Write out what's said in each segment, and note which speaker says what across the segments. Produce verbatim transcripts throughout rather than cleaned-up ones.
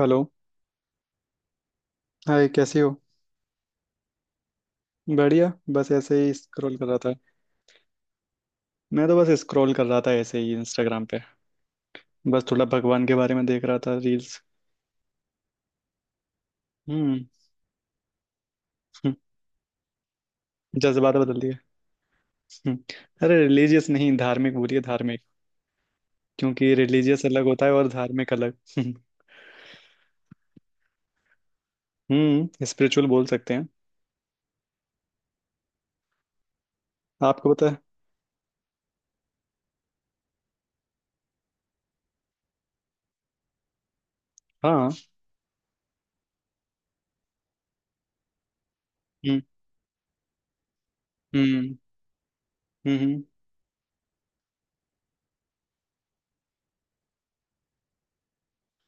Speaker 1: Hello. Hi, कैसी हो? बढ़िया, बस ऐसे ही स्क्रॉल कर रहा था। मैं तो बस स्क्रॉल कर रहा था ऐसे ही इंस्टाग्राम पे। बस थोड़ा भगवान के बारे में देख रहा था रील्स। हम्म। हम्म, जज्बात बदल दिए। हम्म, अरे रिलीजियस नहीं, धार्मिक बोलिए धार्मिक। क्योंकि रिलीजियस अलग होता है और धार्मिक अलग। हम्म। हम्म स्पिरिचुअल बोल सकते हैं। आपको पता है। हाँ। हम्म। हम्म। हम्म। हम्म।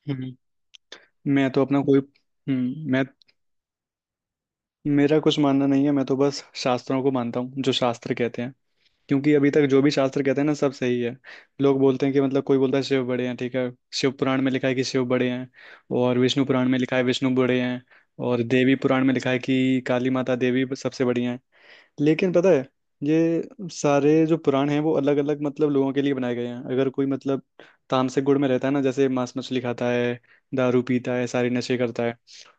Speaker 1: हम्म। मैं तो अपना कोई हम्म मैं मेरा कुछ मानना नहीं है, मैं तो बस शास्त्रों को मानता हूँ, जो शास्त्र कहते हैं। क्योंकि अभी तक जो भी शास्त्र कहते हैं ना, सब सही है। लोग बोलते हैं कि मतलब, कोई बोलता है शिव बड़े हैं, ठीक है। शिव पुराण में लिखा है कि शिव बड़े हैं। और विष्णु पुराण में लिखा है विष्णु बड़े हैं। और देवी पुराण में लिखा है कि काली माता देवी सबसे बड़ी हैं। लेकिन पता है, ये सारे जो पुराण हैं वो अलग अलग मतलब लोगों के लिए बनाए गए हैं। अगर कोई मतलब तामसिक गुण में रहता है ना, जैसे मांस मछली खाता है, दारू पीता है, सारी नशे करता है,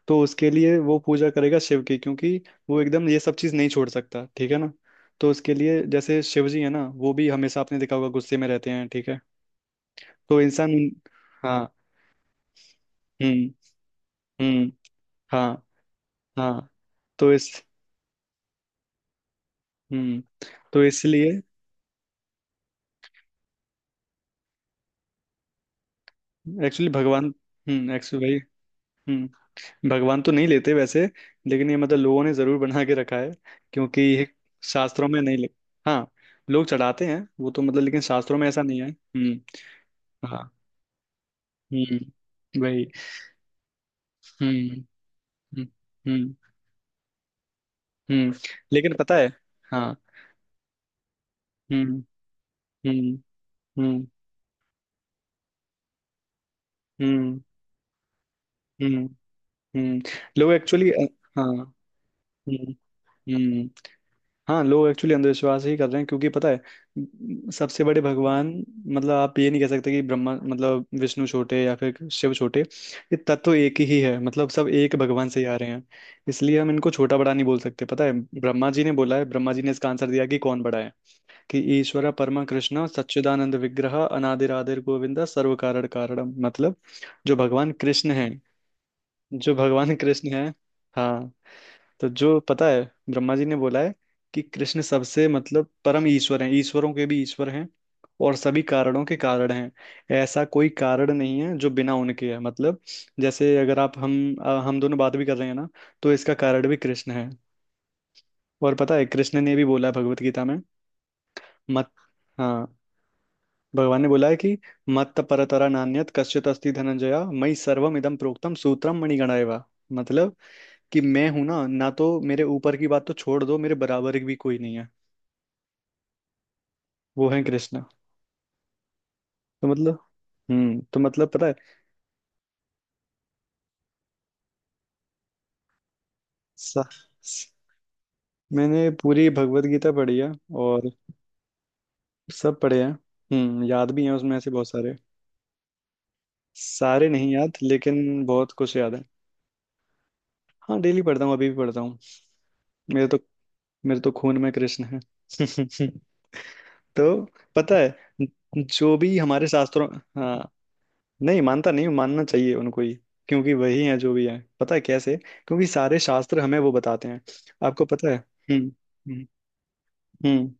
Speaker 1: तो उसके लिए वो पूजा करेगा शिव की। क्योंकि वो एकदम ये सब चीज़ नहीं छोड़ सकता, ठीक है ना। तो उसके लिए जैसे शिव जी है ना, वो भी हमेशा आपने देखा होगा गुस्से में रहते हैं, ठीक है। तो इंसान। हाँ। हम्म। हम्म। हाँ। हाँ। तो इस, हम्म, तो इसलिए एक्चुअली भगवान। हम्म एक्चुअली, भाई, भगवान तो नहीं लेते वैसे। लेकिन ये मतलब लोगों ने जरूर बना के रखा है। क्योंकि ये शास्त्रों में नहीं लिख। हाँ, लोग चढ़ाते हैं वो तो मतलब, लेकिन शास्त्रों में ऐसा नहीं है। हम्म। हाँ। हम्म वही। हम्म। हम्म। हम्म। हम्म। लेकिन पता है। हाँ। हम्म। हम्म। हम्म। हम्म। हम्म। हम्म। लोग एक्चुअली। हाँ। हम्म। हम्म। हाँ, लोग एक्चुअली अंधविश्वास ही कर रहे हैं क्योंकि पता है, म, सबसे बड़े भगवान, मतलब आप ये नहीं कह सकते कि ब्रह्मा, मतलब विष्णु छोटे या फिर शिव छोटे। ये तत्व एक ही है, मतलब सब एक भगवान से ही आ रहे हैं। इसलिए हम इनको छोटा बड़ा नहीं बोल सकते। पता है, ब्रह्मा जी ने बोला है ब्रह्मा जी ने इसका आंसर दिया कि कौन बड़ा है, कि ईश्वर परमा कृष्ण सच्चिदानंद विग्रह अनादिर आदिर गोविंदा सर्व कारण कारणम, मतलब जो भगवान कृष्ण है जो भगवान कृष्ण है। हाँ। तो जो पता है, ब्रह्मा जी ने बोला है कि कृष्ण सबसे मतलब परम ईश्वर हैं, ईश्वरों के भी ईश्वर हैं। और सभी कारणों के कारण हैं। ऐसा कोई कारण नहीं है जो बिना उनके है, मतलब जैसे अगर आप हम अ, हम दोनों बात भी कर रहे हैं ना, तो इसका कारण भी कृष्ण है। और पता है, कृष्ण ने भी बोला है भगवत गीता में। मत हाँ, भगवान ने बोला है कि मत परतरा नान्यत कश्चित अस्ति धनंजया मयि सर्वमिदं प्रोक्तम सूत्रम मणिगणा एव, मतलब कि मैं हूं ना, ना तो मेरे ऊपर की बात तो छोड़ दो, मेरे बराबर भी कोई नहीं है। वो है कृष्णा। तो मतलब, हम्म तो मतलब पता है, सा, स- मैंने पूरी भगवत गीता पढ़ी है। और सब पढ़े हैं। हम्म याद भी हैं, उसमें ऐसे बहुत सारे। सारे नहीं याद, लेकिन बहुत कुछ याद है। हाँ, डेली पढ़ता हूँ, अभी भी पढ़ता हूँ। मेरे तो मेरे तो खून में कृष्ण है। तो पता है, जो भी हमारे शास्त्रों। हाँ। नहीं मानता नहीं हूं, मानना चाहिए उनको ही। क्योंकि वही है जो भी है, पता है कैसे, क्योंकि सारे शास्त्र हमें वो बताते हैं। आपको पता है। हम्म। हम्म। हम्म।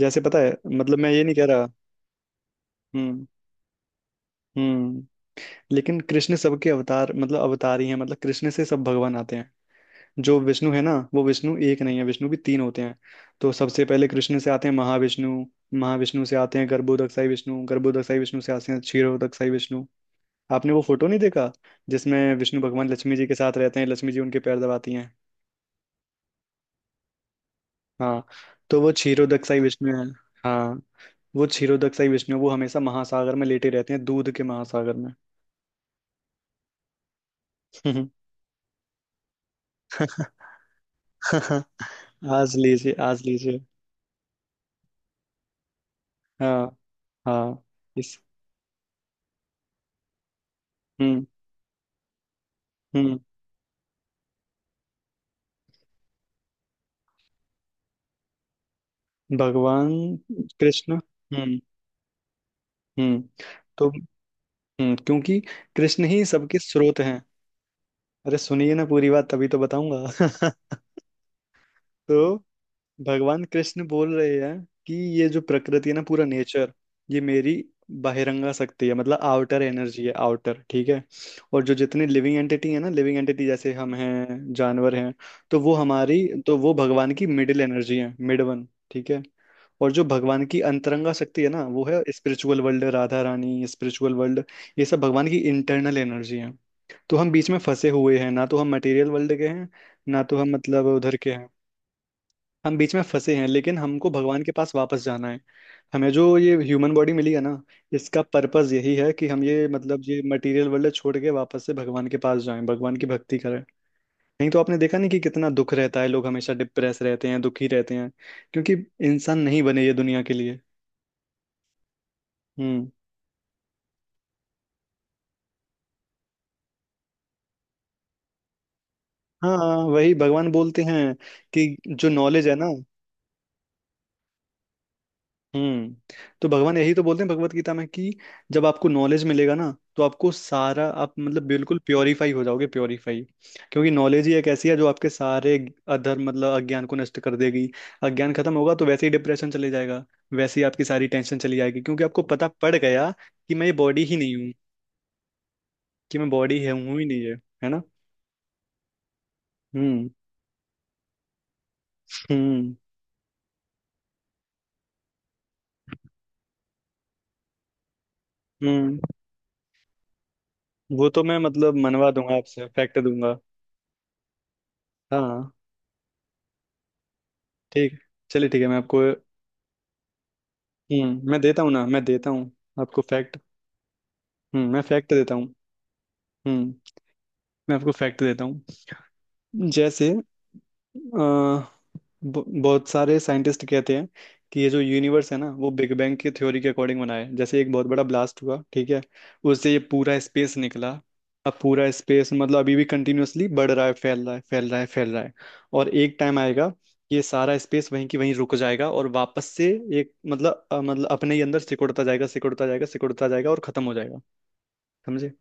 Speaker 1: जैसे पता है, मतलब मैं ये नहीं कह रहा। हम्म। हम्म। लेकिन कृष्ण सबके अवतार, मतलब अवतार ही हैं, मतलब कृष्ण से सब भगवान आते हैं। जो विष्णु है ना, वो विष्णु एक नहीं है, विष्णु भी तीन होते हैं। तो सबसे पहले कृष्ण से आते हैं महाविष्णु। महाविष्णु से आते हैं गर्भोदकसाई विष्णु, गर्भोदकसाई विष्णु से आते हैं क्षीरोदकसाई विष्णु। आपने वो फोटो नहीं देखा, जिसमें विष्णु भगवान लक्ष्मी जी के साथ रहते हैं, लक्ष्मी जी उनके पैर दबाती हैं। हाँ, तो वो क्षीरोदकसाई विष्णु है। हाँ, वो क्षीरोदकसाई विष्णु वो हमेशा महासागर में लेटे रहते हैं, दूध के महासागर में। आज लीजिए, आज लीजिए। हाँ हाँ। इस। हम्म। हम्म। भगवान कृष्ण। हम्म। हम्म। तो, हम्म क्योंकि कृष्ण ही सबके स्रोत हैं। अरे सुनिए ना पूरी बात, तभी तो बताऊंगा। तो भगवान कृष्ण बोल रहे हैं कि ये जो प्रकृति है ना, पूरा नेचर, ये मेरी बहिरंगा शक्ति है, मतलब आउटर एनर्जी है, आउटर, ठीक है। और जो जितने लिविंग एंटिटी है ना, लिविंग एंटिटी जैसे हम हैं, जानवर हैं, तो वो हमारी, तो वो भगवान की मिडिल एनर्जी है, मिड वन, ठीक है। और जो भगवान की अंतरंगा शक्ति है ना, वो है spiritual world, Radha Rani, spiritual world. ये सब भगवान की इंटरनल एनर्जी है। तो हम बीच में फंसे हुए हैं ना, तो हम मटेरियल वर्ल्ड के हैं, ना तो हम मतलब उधर के हैं। हम बीच में फंसे हैं, लेकिन हमको भगवान के पास वापस जाना है। हमें जो ये ह्यूमन बॉडी मिली है ना, इसका पर्पस यही है कि हम ये मतलब ये मटेरियल वर्ल्ड छोड़ के वापस से भगवान के पास जाएं, भगवान की भक्ति करें। नहीं तो आपने देखा नहीं कि कितना दुख रहता है, लोग हमेशा डिप्रेस रहते हैं, दुखी रहते हैं। क्योंकि इंसान नहीं बने ये दुनिया के लिए। हम्म। हाँ, वही भगवान बोलते हैं कि जो नॉलेज है ना, हम्म, तो भगवान यही तो बोलते हैं भगवत गीता में कि जब आपको नॉलेज मिलेगा ना, तो आपको सारा, आप मतलब बिल्कुल प्योरीफाई हो जाओगे, प्योरीफाई। क्योंकि नॉलेज ही एक ऐसी है जो आपके सारे अधर्म, मतलब अज्ञान को नष्ट कर देगी। अज्ञान खत्म होगा तो वैसे ही डिप्रेशन चले जाएगा, वैसे ही आपकी सारी टेंशन चली जाएगी, क्योंकि आपको पता पड़ गया कि मैं ये बॉडी ही नहीं हूँ, कि मैं बॉडी है हूँ ही नहीं है, है ना। हम्म। हम्म। हम्म। वो तो मैं मतलब मनवा दूंगा आपसे, फैक्ट दूंगा। हाँ, ठीक, चलिए ठीक है, मैं आपको, हम्म मैं देता हूँ ना, मैं देता हूँ आपको फैक्ट। हम्म मैं फैक्ट देता हूँ। हम्म मैं आपको फैक्ट देता हूँ। जैसे अ, ब- बहुत सारे साइंटिस्ट कहते हैं कि ये जो यूनिवर्स है ना, वो बिग बैंग की थ्योरी के अकॉर्डिंग बना है, जैसे एक बहुत बड़ा ब्लास्ट हुआ, ठीक है। उससे ये पूरा स्पेस निकला। अब पूरा स्पेस मतलब अभी भी कंटिन्यूअसली बढ़ रहा है, फैल रहा है, फैल रहा है, फैल रहा है। और एक टाइम आएगा कि ये सारा स्पेस वहीं की वहीं रुक जाएगा, और वापस से एक मतलब अ, मतलब अपने ही अंदर सिकुड़ता जाएगा, सिकुड़ता जाएगा, सिकुड़ता जाएगा, और खत्म हो जाएगा। समझे।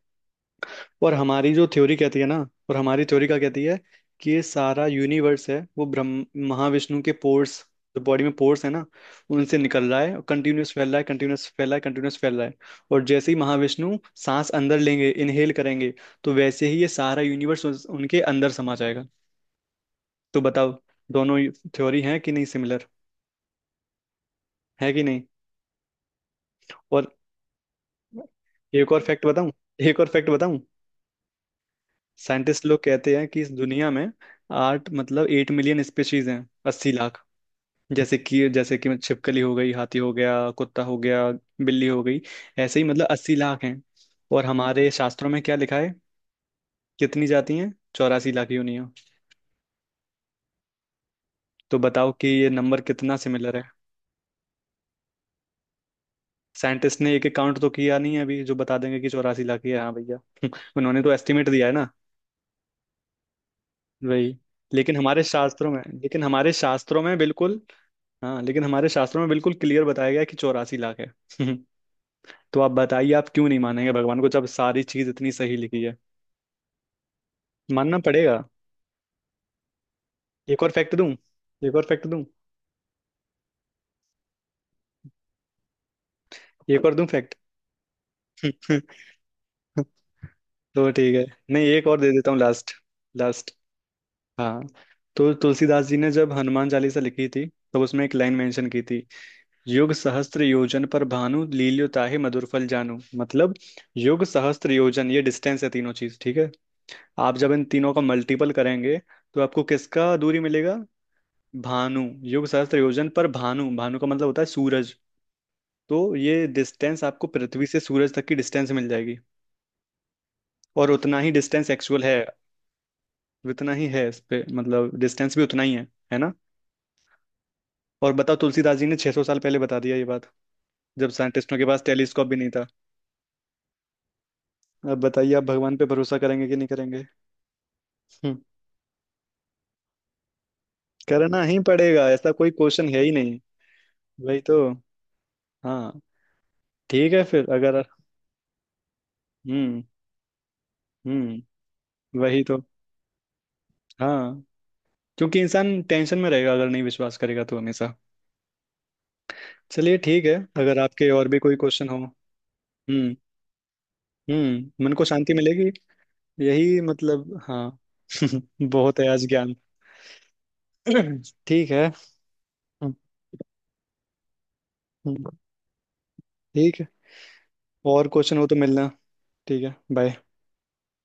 Speaker 1: और हमारी जो थ्योरी कहती है ना, और हमारी थ्योरी क्या कहती है कि ये सारा यूनिवर्स है वो ब्रह्म महाविष्णु के पोर्स, जो बॉडी में पोर्स है ना, उनसे निकल रहा है, और कंटिन्यूस फैल रहा है, कंटिन्यूस फैल रहा है, कंटिन्यूस फैल रहा है। और जैसे ही महाविष्णु सांस अंदर लेंगे, इनहेल करेंगे, तो वैसे ही ये सारा यूनिवर्स उस- उनके अंदर समा जाएगा। तो बताओ, दोनों थ्योरी है कि नहीं सिमिलर, है कि नहीं। और एक और फैक्ट बताऊं, एक और फैक्ट बताऊं। साइंटिस्ट लोग कहते हैं कि इस दुनिया में आठ मतलब एट मिलियन स्पीशीज हैं, अस्सी लाख। जैसे कि जैसे कि छिपकली हो गई, हाथी हो गया, कुत्ता हो गया, बिल्ली हो गई, ऐसे ही मतलब अस्सी लाख हैं। और हमारे शास्त्रों में क्या लिखा है? कितनी जाती हैं? चौरासी लाख योनियां। तो बताओ कि ये नंबर कितना सिमिलर है। साइंटिस्ट ने एक एक काउंट तो किया नहीं है अभी, जो बता देंगे कि चौरासी लाख ही है, हाँ भैया। उन्होंने तो एस्टिमेट दिया है ना। वही, लेकिन हमारे शास्त्रों में लेकिन हमारे शास्त्रों में बिल्कुल, हाँ, लेकिन हमारे शास्त्रों में बिल्कुल क्लियर बताया गया है कि चौरासी लाख है। तो आप बताइए, आप क्यों नहीं मानेंगे भगवान को, जब सारी चीज इतनी सही लिखी है। मानना पड़ेगा। एक और फैक्ट दूं, एक और फैक्ट दूं, एक और दूं फैक्ट। तो ठीक है, नहीं एक और दे देता हूँ, लास्ट, लास्ट। हाँ, तो तुलसीदास जी ने जब हनुमान चालीसा लिखी थी, तब उसमें एक लाइन मेंशन की थी, युग सहस्त्र योजन पर भानु लील्यो ताहि मधुर फल जानू, मतलब युग सहस्त्र योजन, ये डिस्टेंस है, तीनों चीज, ठीक है। आप जब इन तीनों का मल्टीपल करेंगे, तो आपको किसका दूरी मिलेगा, भानु, योग सहस्त्र योजन पर भानु, भानु का मतलब होता है सूरज। तो ये डिस्टेंस आपको पृथ्वी से सूरज तक की डिस्टेंस मिल जाएगी। और उतना ही डिस्टेंस एक्चुअल है। उतना ही है इस पे, मतलब डिस्टेंस भी उतना ही है है ना। और बताओ, तुलसीदास जी ने छह सौ साल पहले बता दिया ये बात, जब साइंटिस्टों के पास टेलीस्कोप भी नहीं था। अब बताइए, आप भगवान पे भरोसा करेंगे कि नहीं करेंगे? हम्म, करना ही पड़ेगा, ऐसा कोई क्वेश्चन है ही नहीं। वही तो, हाँ, ठीक है फिर, अगर हम्म। हम्म। वही तो, हाँ, क्योंकि इंसान टेंशन में रहेगा अगर नहीं विश्वास करेगा तो हमेशा। चलिए ठीक है, अगर आपके और भी कोई क्वेश्चन हो। हम्म। हम्म, मन को शांति मिलेगी। यही मतलब, हाँ। बहुत है आज ज्ञान। ठीक है। हम्म। हम्म। ठीक है। और क्वेश्चन हो तो मिलना। ठीक है बाय।